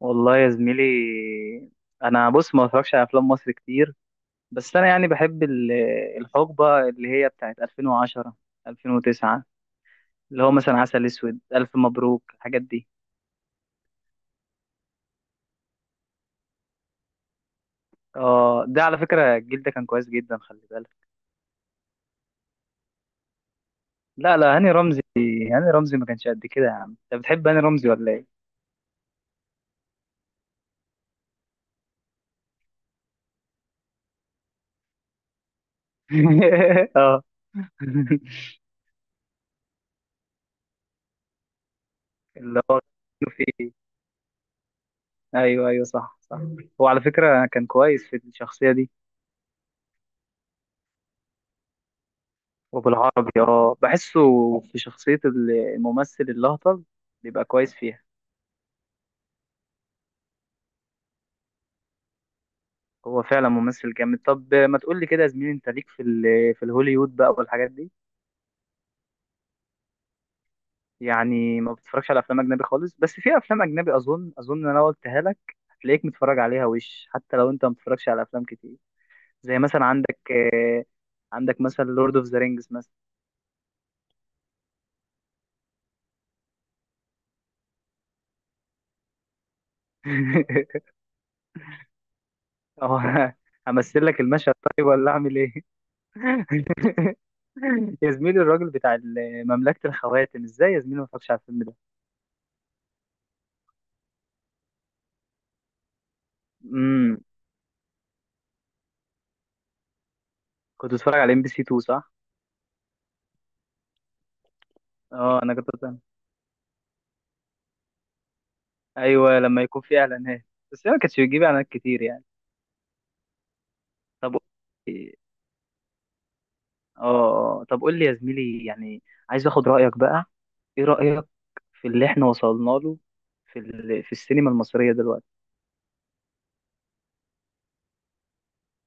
والله يا زميلي، انا بص ما بتفرجش على افلام مصر كتير. بس انا يعني بحب الحقبه اللي هي بتاعت 2010 2009، اللي هو مثلا عسل اسود، الف مبروك، الحاجات دي. اه، ده على فكره الجيل ده كان كويس جدا، خلي بالك. لا لا، هاني رمزي، هاني رمزي ما كانش قد كده. يا عم انت بتحب هاني رمزي ولا ايه؟ اه. اللي هو كانوا فيه. ايوه ايوه، صح صح، هو على فكره كان كويس في الشخصيه دي. وبالعربي بحسه في شخصية الممثل الهطل، بيبقى كويس فيها. هو فعلا ممثل جامد. طب ما تقول لي كده يا زميلي، انت ليك في الهوليوود بقى والحاجات دي؟ يعني ما بتتفرجش على افلام اجنبي خالص، بس في افلام اجنبي اظن إن انا قلتها لك، هتلاقيك متفرج عليها وش، حتى لو انت ما بتتفرجش على افلام كتير. زي مثلا عندك مثلا لورد اوف ذا رينجز مثلا. اه، همثل لك المشهد طيب ولا اعمل ايه؟ يا زميلي، الراجل بتاع مملكة الخواتم، ازاي يا زميلي ما اتفرجش على الفيلم ده؟ امم كنت بتفرج على ام بي سي 2، صح؟ اه، انا كنت بتفرج. ايوه لما يكون في اعلانات، بس هي ما كانتش بتجيب اعلانات كتير يعني. طب قول لي- اه طب قول لي يا زميلي يعني، عايز اخد رأيك بقى. ايه رأيك في اللي احنا وصلنا له في السينما المصرية دلوقتي؟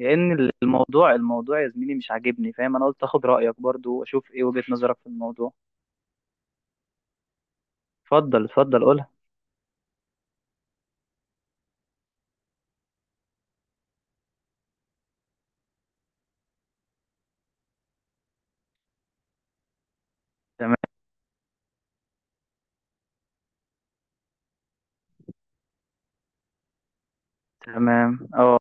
لان الموضوع يا زميلي مش عاجبني فاهم، انا قلت اخد رأيك برضو واشوف ايه وجهة نظرك في الموضوع. اتفضل اتفضل، قولها. تمام تمام، اه،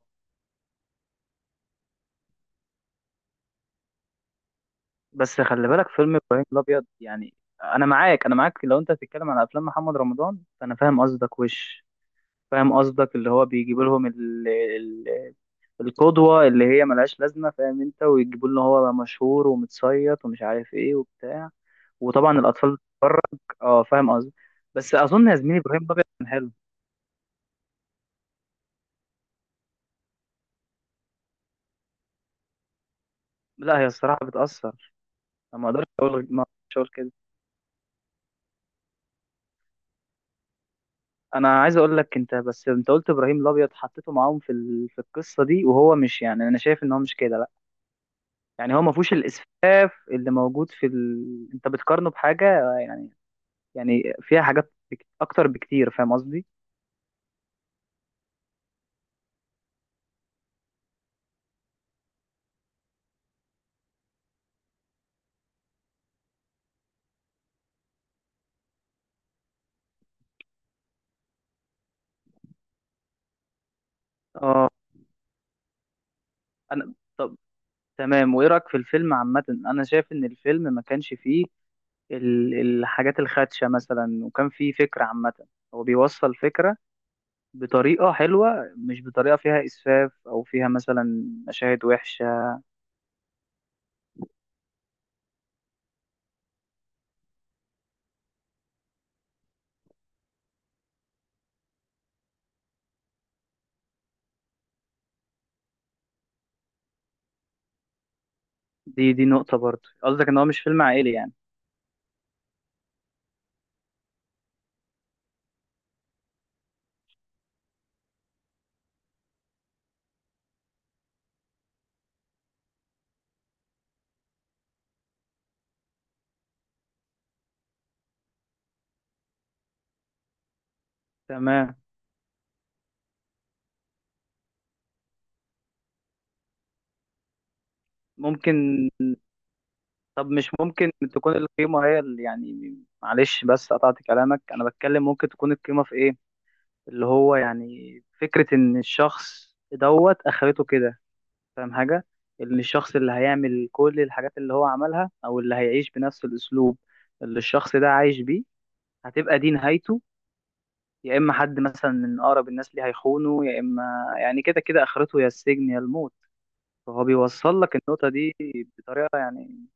بس خلي بالك فيلم ابراهيم الابيض يعني. انا معاك، انا معاك، لو انت هتتكلم على افلام محمد رمضان فانا فاهم قصدك وش. فاهم قصدك، اللي هو بيجيب لهم القدوه اللي هي ملهاش لازمه فاهم انت، ويجيبوا له هو مشهور ومتصيط ومش عارف ايه وبتاع، وطبعا الاطفال. اه، فاهم قصدي. بس اظن يا زميلي ابراهيم الابيض كان حلو. لا، هي الصراحه بتاثر. انا ما اقدرش اقول كده. انا عايز اقول لك انت، بس انت قلت ابراهيم الابيض حطيته معاهم في القصه دي، وهو مش يعني انا شايف ان هو مش كده. يعني هو ما فيهوش الاسفاف اللي موجود انت بتقارنه بحاجه يعني، يعني فيها حاجات اكتر بكتير، فاهم قصدي. اه، طب تمام. وايه رايك في الفيلم عامه؟ انا شايف ان الفيلم ما كانش فيه الحاجات الخادشه مثلا، وكان فيه فكره عامه. هو بيوصل فكره بطريقه حلوه، مش بطريقه فيها اسفاف او فيها مثلا مشاهد وحشه. دي نقطه برضه، قصدك ان هو مش فيلم عائلي يعني. تمام، ممكن. طب مش ممكن تكون القيمة هي اللي يعني، معلش بس قطعت كلامك، أنا بتكلم. ممكن تكون القيمة في إيه؟ اللي هو يعني فكرة إن الشخص دوت أخرته كده، فاهم حاجة؟ إن الشخص اللي هيعمل كل الحاجات اللي هو عملها، أو اللي هيعيش بنفس الأسلوب اللي الشخص ده عايش بيه، هتبقى دي نهايته. يا إما حد مثلا من أقرب الناس ليه هيخونه، يا إما يعني كده كده آخرته، يا السجن يا الموت. فهو بيوصل لك النقطة دي بطريقة يعني،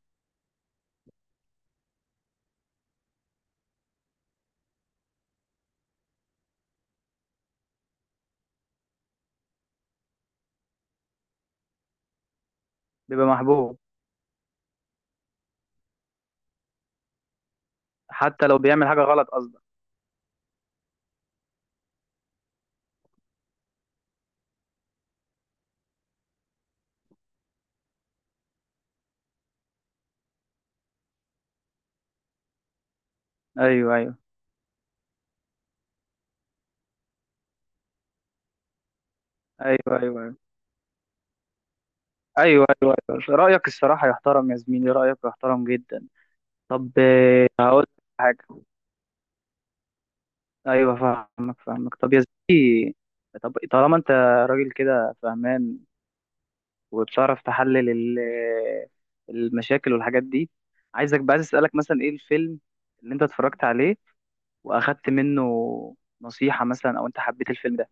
بيبقى محبوب حتى لو بيعمل حاجة غلط قصدي. ايوه، ايوه، ايوه، ايوه، ايوه، ايوه، ايوه، ايوه، رايك الصراحه يحترم يا زميلي، رايك يحترم جدا. طب، هقول لك حاجه. ايوه فاهمك فاهمك. طب يا زميلي، طب طالما انت راجل كده فهمان، وبتعرف تحلل المشاكل والحاجات دي، عايزك بقى، عايز اسالك مثلا ايه الفيلم اللي انت اتفرجت عليه واخدت منه نصيحه، مثلا او انت حبيت الفيلم ده.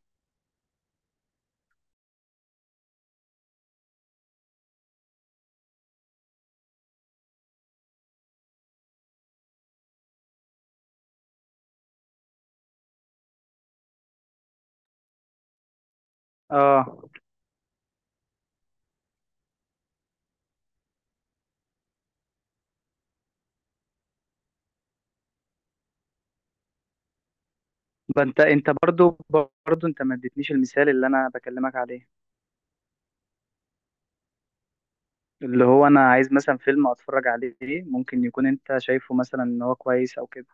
اه، ما انت برضو انت ما اديتنيش المثال اللي انا بكلمك عليه، اللي هو انا عايز مثلا فيلم اتفرج عليه، ممكن يكون انت شايفه مثلا ان هو كويس او كده.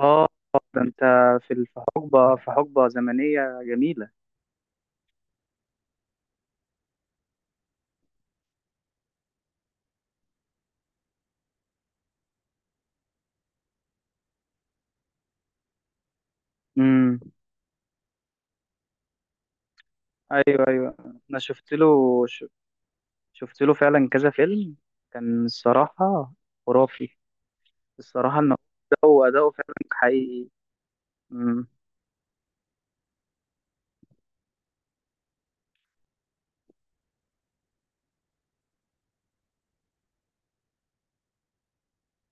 اه، ده انت في حقبة زمنية جميلة. امم، ايوه ايوه، انا شفت له ش- شفت له فعلا كذا فيلم، كان الصراحة خرافي. الصراحة ان هو اداؤه فعلا حقيقي. امم،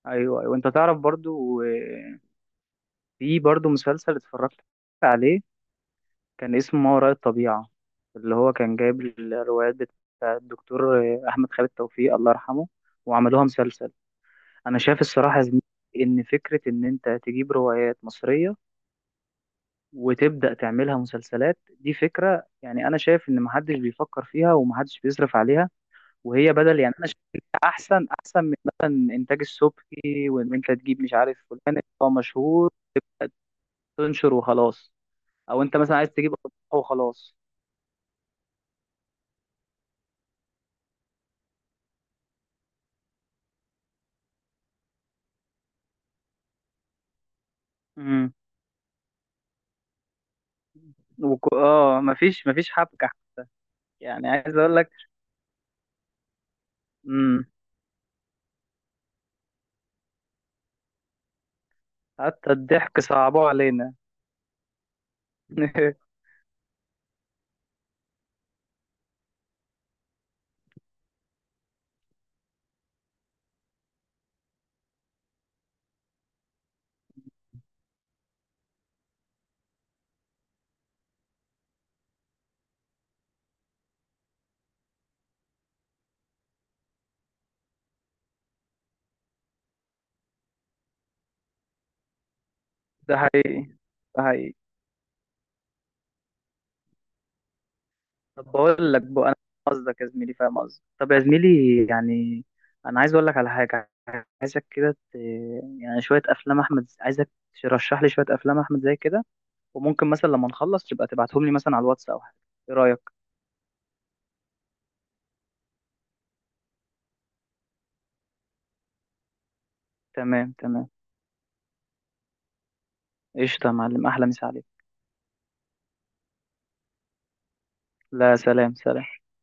ايوه ايوه، انت تعرف برضو في برضو مسلسل اتفرجت عليه، كان اسمه ما وراء الطبيعة، اللي هو كان جايب الروايات بتاع الدكتور أحمد خالد توفيق، الله يرحمه، وعملوها مسلسل. أنا شايف الصراحة يا زميلي إن فكرة إن أنت تجيب روايات مصرية وتبدأ تعملها مسلسلات، دي فكرة يعني أنا شايف إن محدش بيفكر فيها ومحدش بيصرف عليها. وهي بدل، يعني أنا شايف إنها أحسن أحسن من مثلا إنتاج السبكي، وإن أنت تجيب مش عارف فلان هو مشهور تنشر وخلاص، أو أنت مثلا عايز تجيب أضواء وخلاص. اه، مفيش حبكة. يعني عايز اقول لك، امم حتى الضحك صعبوه علينا. ده حقيقي، ده حقيقي. طب بقول لك بقى انا، فاهم قصدك يا زميلي، فاهم قصدك، طب يا زميلي يعني، انا عايز اقول لك على حاجة. عايزك كده يعني شوية افلام احمد، عايزك ترشح لي شوية افلام احمد زي كده. وممكن مثلا لما نخلص تبقى تبعتهم لي مثلا على الواتس او حاجة، ايه رأيك؟ تمام تمام، قشطة يا معلم، احلى مسا عليك. لا، سلام سلام.